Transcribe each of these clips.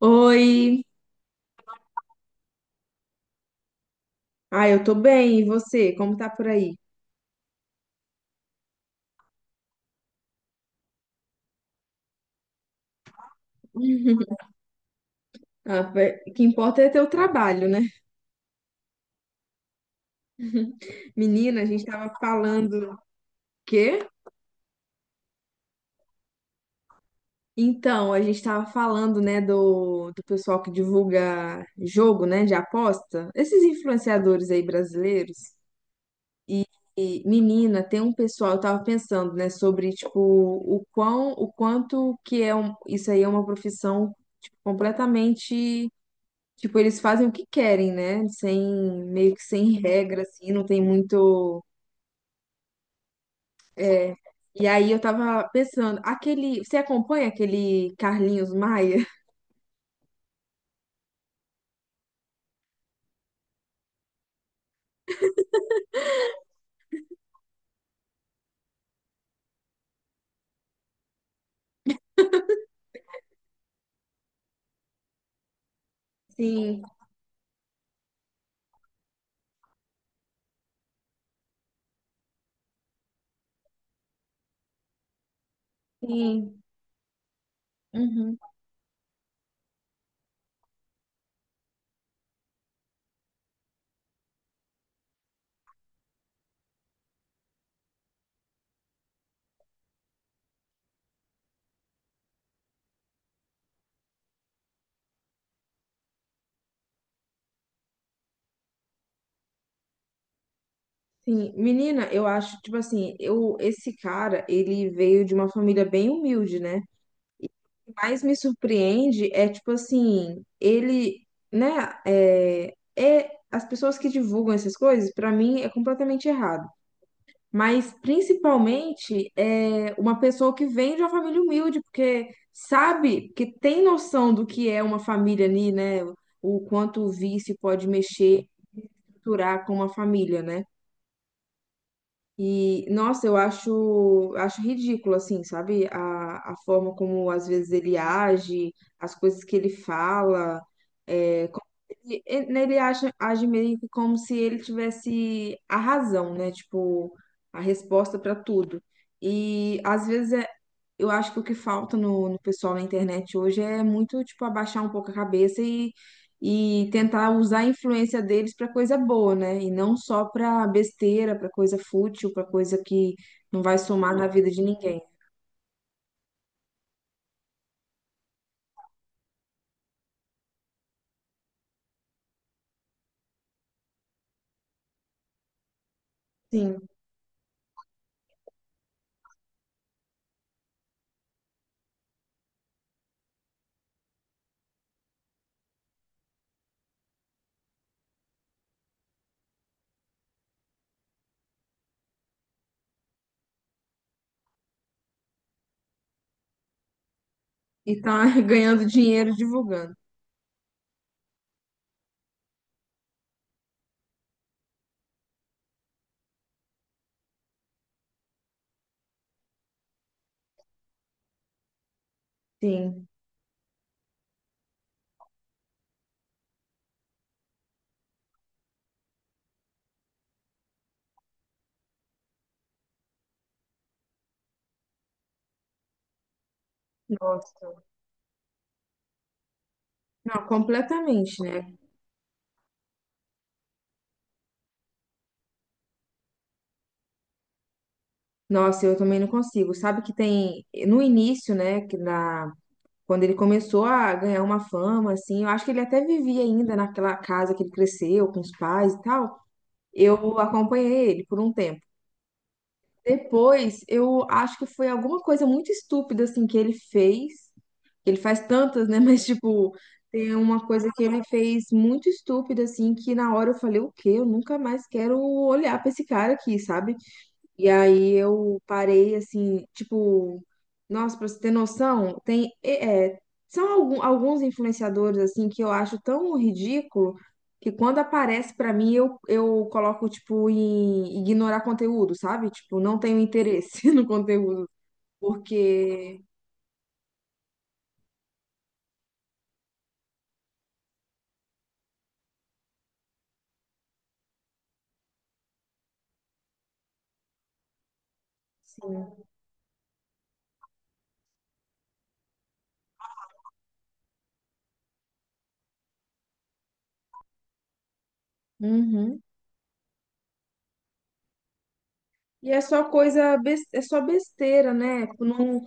Oi, ah, eu tô bem, e você? Como tá por aí? Ah, o que importa é ter o trabalho, né? Menina, a gente tava falando. Quê? Então, a gente tava falando, né, do pessoal que divulga jogo, né, de aposta. Esses influenciadores aí brasileiros. E, e, menina, tem um pessoal, eu tava pensando, né, sobre, tipo, o quanto que é um, isso aí é uma profissão, tipo, completamente. Tipo, eles fazem o que querem, né? Sem, meio que sem regra, assim, não tem muito. É. E aí eu tava pensando, aquele. Você acompanha aquele Carlinhos Maia? Sim, sim. Uhum. Sim. Menina, eu acho, tipo assim, esse cara, ele veio de uma família bem humilde, né? O que mais me surpreende é, tipo assim, ele, né? É, as pessoas que divulgam essas coisas, pra mim, é completamente errado. Mas principalmente é uma pessoa que vem de uma família humilde, porque sabe que tem noção do que é uma família ali, né? O quanto o vício pode mexer, estruturar com uma família, né? E, nossa, eu acho ridículo, assim, sabe? A forma como às vezes ele age, as coisas que ele fala. É, como ele né, ele age meio que como se ele tivesse a razão, né? Tipo, a resposta para tudo. E às vezes é, eu acho que o que falta no pessoal na internet hoje é muito, tipo, abaixar um pouco a cabeça e tentar usar a influência deles para coisa boa, né? E não só para besteira, para coisa fútil, para coisa que não vai somar na vida de ninguém. Sim. E tá ganhando dinheiro divulgando. Sim. Nossa. Não, completamente, né? Nossa, eu também não consigo. Sabe que tem no início, né, que na quando ele começou a ganhar uma fama assim, eu acho que ele até vivia ainda naquela casa que ele cresceu com os pais e tal. Eu acompanhei ele por um tempo. Depois, eu acho que foi alguma coisa muito estúpida, assim, que ele fez. Ele faz tantas, né? Mas, tipo, tem uma coisa que ele fez muito estúpida, assim, que na hora eu falei, o quê? Eu nunca mais quero olhar pra esse cara aqui, sabe? E aí eu parei assim, tipo, nossa, pra você ter noção, tem são alguns influenciadores assim que eu acho tão ridículo que quando aparece pra mim eu coloco tipo em ignorar conteúdo, sabe? Tipo, não tenho interesse no conteúdo, porque sim. Uhum. E é só coisa, é só besteira, né? Tipo, não,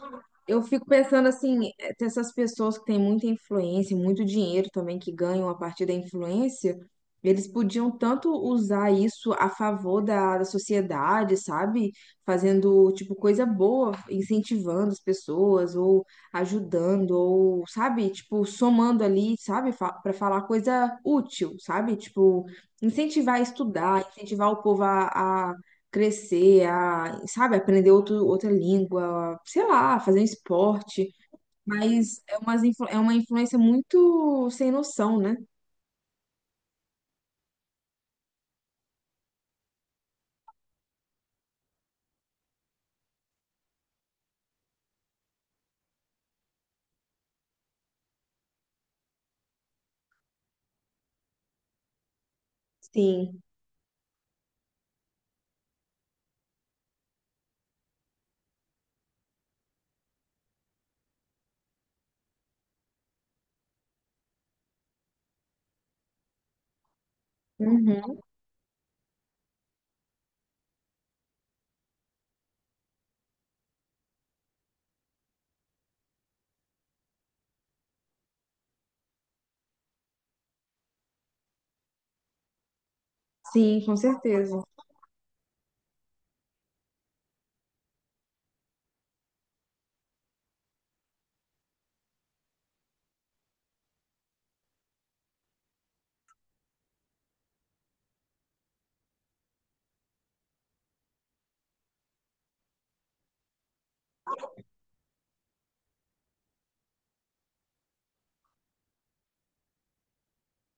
eu fico pensando assim, eh, tem essas pessoas que têm muita influência, e muito dinheiro também que ganham a partir da influência, eles podiam tanto usar isso a favor da sociedade, sabe? Fazendo, tipo, coisa boa, incentivando as pessoas, ou ajudando, ou, sabe? Tipo, somando ali, sabe? Fa para falar coisa útil, sabe? Tipo, incentivar a estudar, incentivar o povo a crescer, a, sabe, aprender outra língua, sei lá, fazer um esporte. Mas é, é uma influência muito sem noção, né? Sim. Uhum. Sim, com certeza.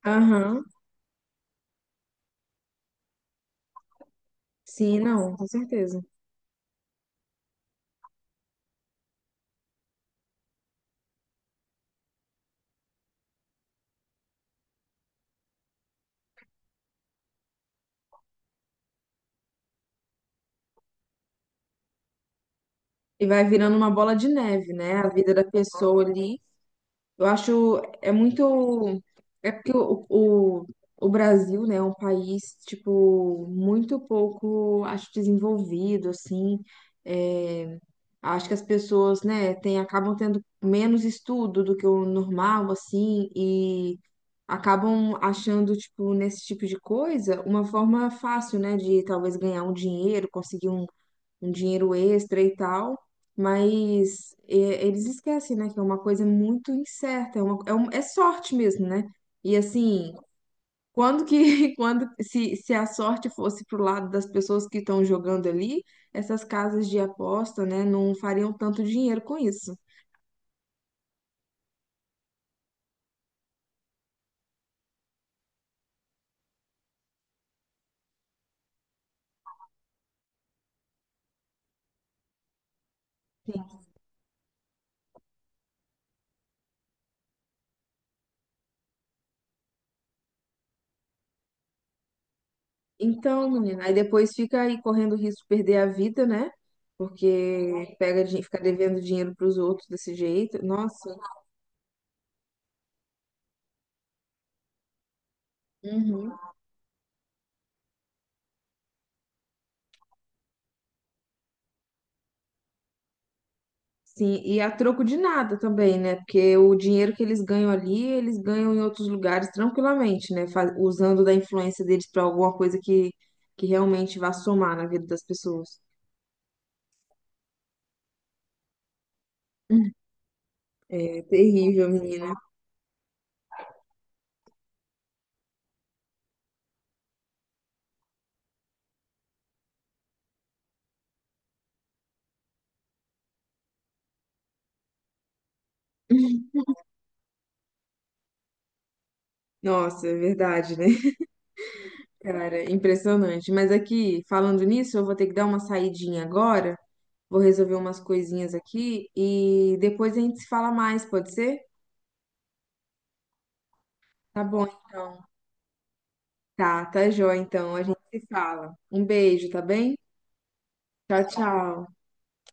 Aham. Sim, não, com certeza. E vai virando uma bola de neve, né? A vida da pessoa ali. Eu acho, é muito, é porque o Brasil, né, é um país, tipo, muito pouco, acho, desenvolvido, assim, é, acho que as pessoas, né, acabam tendo menos estudo do que o normal, assim, e acabam achando, tipo, nesse tipo de coisa, uma forma fácil, né, de talvez ganhar um dinheiro, conseguir um dinheiro extra e tal, mas é, eles esquecem, né, que é uma coisa muito incerta, é sorte mesmo, né? E assim, se a sorte fosse pro lado das pessoas que estão jogando ali, essas casas de aposta, né, não fariam tanto dinheiro com isso. Então, menina, aí depois fica aí correndo o risco de perder a vida, né? Porque fica devendo dinheiro pros outros desse jeito. Nossa. Uhum. Sim, e a troco de nada também, né? Porque o dinheiro que eles ganham ali, eles ganham em outros lugares tranquilamente, né? Usando da influência deles para alguma coisa que realmente vá somar na vida das pessoas. É terrível, menina. Nossa, é verdade, né? Cara, impressionante. Mas aqui, falando nisso, eu vou ter que dar uma saidinha agora. Vou resolver umas coisinhas aqui e depois a gente se fala mais, pode ser? Tá bom, tá jóia então. A gente se fala. Um beijo, tá bem? Tchau, tchau.